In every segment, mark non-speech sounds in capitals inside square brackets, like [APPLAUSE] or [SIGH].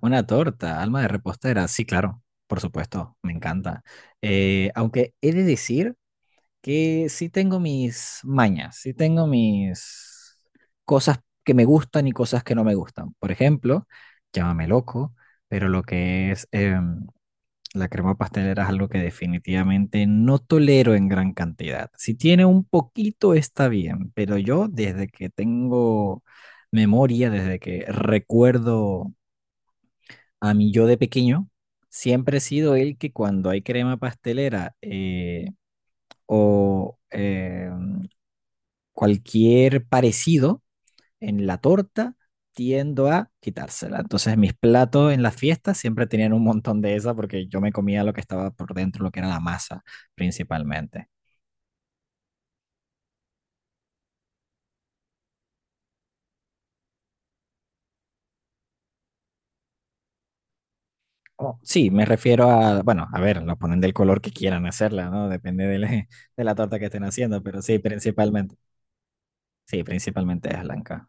Una torta, alma de repostera, sí, claro, por supuesto, me encanta. Aunque he de decir que sí tengo mis mañas, sí tengo mis cosas que me gustan y cosas que no me gustan. Por ejemplo, llámame loco, pero lo que es la crema pastelera es algo que definitivamente no tolero en gran cantidad. Si tiene un poquito está bien, pero yo desde que tengo memoria, desde que recuerdo, a mí yo de pequeño siempre he sido el que cuando hay crema pastelera o cualquier parecido en la torta, tiendo a quitársela. Entonces mis platos en las fiestas siempre tenían un montón de esa porque yo me comía lo que estaba por dentro, lo que era la masa principalmente. Oh sí, me refiero a, bueno, a ver, lo ponen del color que quieran hacerla, ¿no? Depende de la, [LAUGHS] de la torta que estén haciendo, pero sí, principalmente es blanca.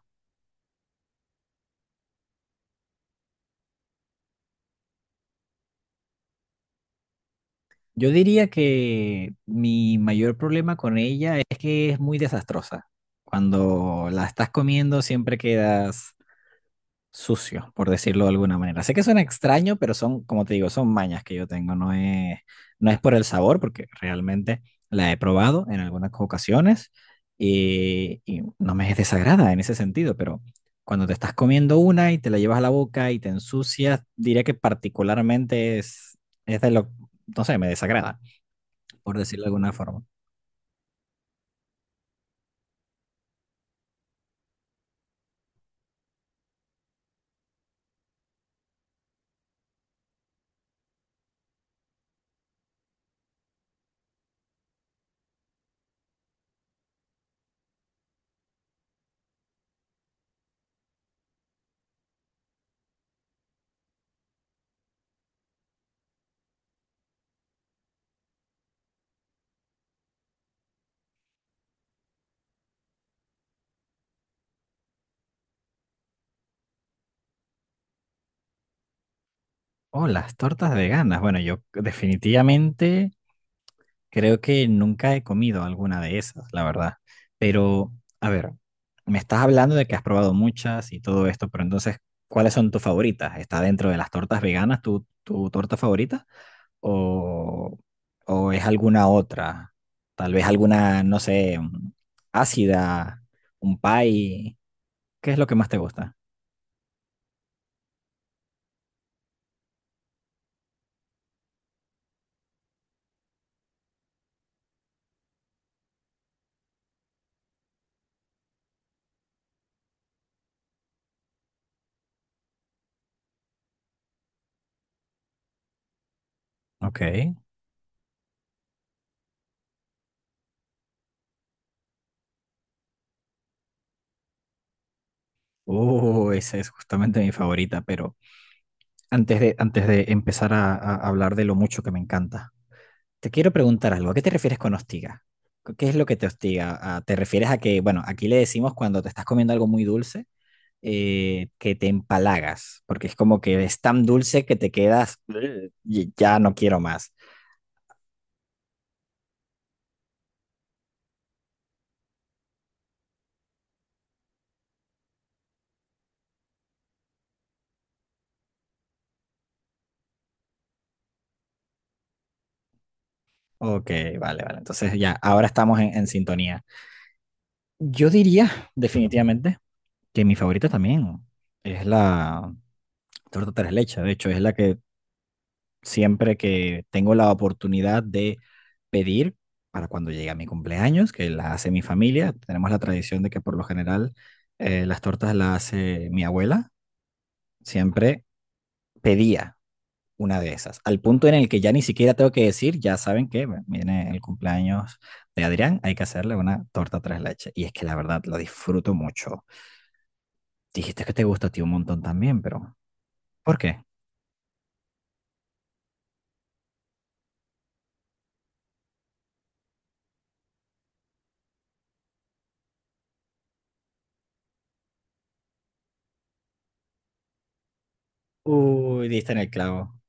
Yo diría que mi mayor problema con ella es que es muy desastrosa. Cuando la estás comiendo siempre quedas sucio, por decirlo de alguna manera. Sé que suena extraño, pero son, como te digo, son mañas que yo tengo. No es por el sabor, porque realmente la he probado en algunas ocasiones y no me es desagrada en ese sentido, pero cuando te estás comiendo una y te la llevas a la boca y te ensucias, diría que particularmente es de lo, no sé, me desagrada por decirlo de alguna forma. Oh, las tortas veganas. Bueno, yo definitivamente creo que nunca he comido alguna de esas, la verdad. Pero, a ver, me estás hablando de que has probado muchas y todo esto, pero entonces, ¿cuáles son tus favoritas? ¿Está dentro de las tortas veganas tu torta favorita? ¿O, o es alguna otra? Tal vez alguna, no sé, ácida, un pie. ¿Qué es lo que más te gusta? Ok. Esa es justamente mi favorita, pero antes de empezar a hablar de lo mucho que me encanta, te quiero preguntar algo. ¿A qué te refieres con hostiga? ¿Qué es lo que te hostiga? ¿A- ¿Te refieres a que, bueno, aquí le decimos cuando te estás comiendo algo muy dulce, que te empalagas, porque es como que es tan dulce que te quedas, "Y- ya no quiero más." Ok, vale, vale. Entonces ya, ahora estamos en sintonía. Yo diría definitivamente que mi favorita también es la torta tres leche. De hecho, es la que siempre que tengo la oportunidad de pedir para cuando llegue a mi cumpleaños, que la hace mi familia. Tenemos la tradición de que por lo general las tortas las hace mi abuela. Siempre pedía una de esas, al punto en el que ya ni siquiera tengo que decir, ya saben que bueno, viene el cumpleaños de Adrián, hay que hacerle una torta tres leches. Y es que la verdad lo disfruto mucho. Dijiste que te gusta a ti un montón también, pero ¿por qué? Uy, diste en el clavo.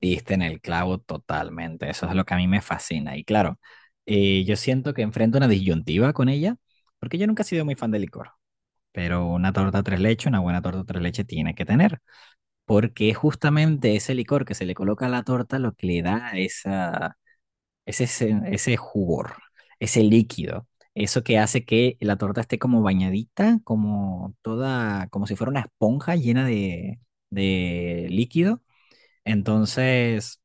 Diste en el clavo totalmente, eso es lo que a mí me fascina. Y claro, yo siento que enfrento una disyuntiva con ella, porque yo nunca he sido muy fan del licor, pero una torta tres leches, una buena torta tres leches tiene que tener, porque es justamente ese licor que se le coloca a la torta lo que le da esa, ese jugor, ese líquido, eso que hace que la torta esté como bañadita, como toda, como si fuera una esponja llena de líquido. Entonces,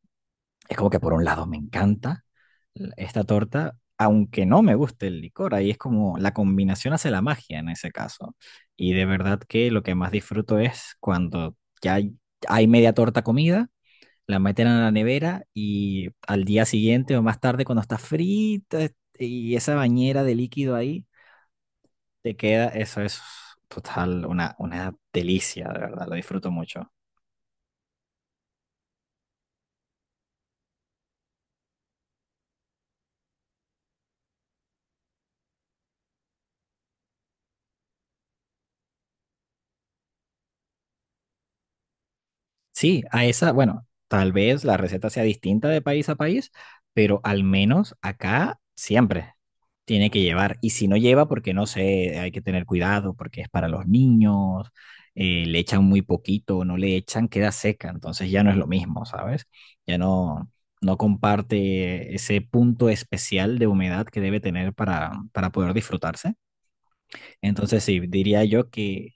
es como que por un lado me encanta esta torta, aunque no me guste el licor, ahí es como la combinación hace la magia en ese caso. Y de verdad que lo que más disfruto es cuando ya hay, hay media torta comida, la meten a la nevera y al día siguiente o más tarde cuando está frita y esa bañera de líquido ahí, te queda, eso es total, una delicia, de verdad, lo disfruto mucho. Sí, a esa, bueno, tal vez la receta sea distinta de país a país, pero al menos acá siempre tiene que llevar. Y si no lleva, porque no sé, hay que tener cuidado, porque es para los niños, le echan muy poquito, o no le echan, queda seca, entonces ya no es lo mismo, ¿sabes? Ya no, no comparte ese punto especial de humedad que debe tener para poder disfrutarse. Entonces sí, diría yo que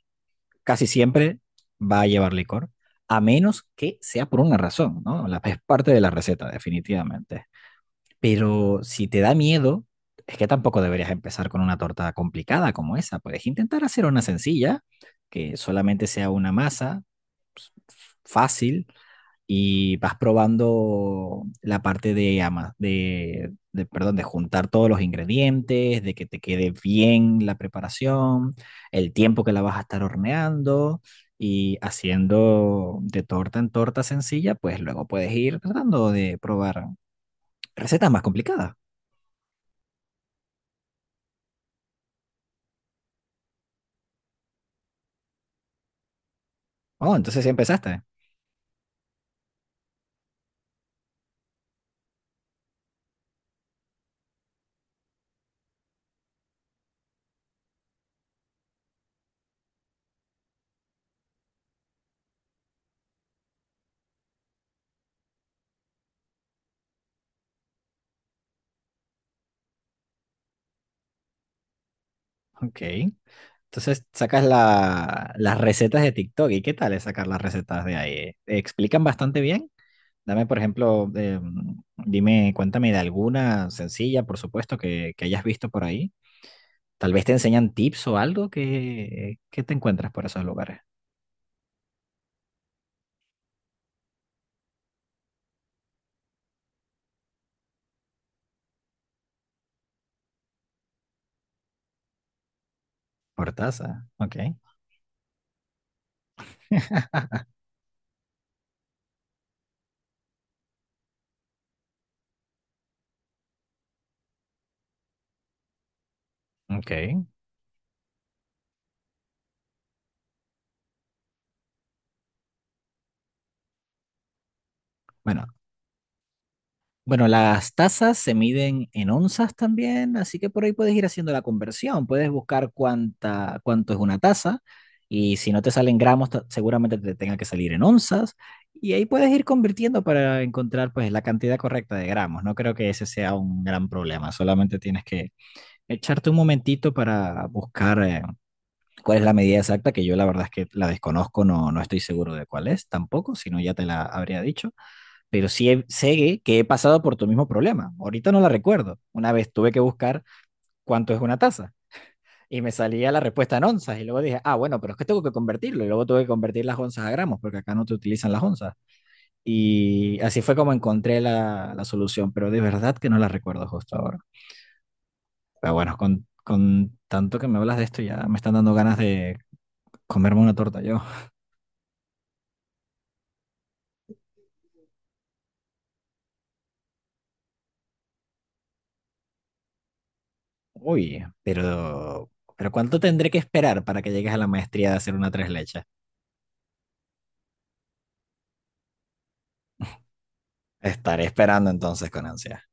casi siempre va a llevar licor, a menos que sea por una razón, ¿no? La, es parte de la receta, definitivamente. Pero si te da miedo, es que tampoco deberías empezar con una torta complicada como esa. Puedes intentar hacer una sencilla, que solamente sea una masa pues, fácil, y vas probando la parte de, ama- perdón, de juntar todos los ingredientes, de que te quede bien la preparación, el tiempo que la vas a estar horneando y haciendo de torta en torta sencilla, pues luego puedes ir tratando de probar recetas más complicadas. Oh, entonces ya empezaste. Ok. Entonces sacas la- las recetas de TikTok. ¿Y qué tal es sacar las recetas de ahí? ¿Explican bastante bien? Dame, por ejemplo, dime, cuéntame de alguna sencilla, por supuesto, que hayas visto por ahí. Tal vez te enseñan tips o algo que te encuentras por esos lugares. Hortaza, ok, ok. Bueno, Bueno, las tasas se miden en onzas también, así que por ahí puedes ir haciendo la conversión. Puedes buscar cuánta, cuánto es una taza y si no te salen gramos, ta- seguramente te tenga que salir en onzas. Y ahí puedes ir convirtiendo para encontrar pues la cantidad correcta de gramos. No creo que ese sea un gran problema. Solamente tienes que echarte un momentito para buscar cuál es la medida exacta, que yo la verdad es que la desconozco, no, no estoy seguro de cuál es tampoco, si no ya te la habría dicho, pero sí he- sé que he pasado por tu mismo problema. Ahorita no la recuerdo. Una vez tuve que buscar cuánto es una taza y me salía la respuesta en onzas y luego dije, ah, bueno, pero es que tengo que convertirlo y luego tuve que convertir las onzas a gramos porque acá no te utilizan las onzas. Y así fue como encontré la, la solución, pero de verdad que no la recuerdo justo ahora. Pero bueno, con tanto que me hablas de esto ya me están dando ganas de comerme una torta yo. Uy, pero... ¿Pero cuánto tendré que esperar para que llegues a la maestría de hacer una tres leches? Estaré esperando entonces con ansia.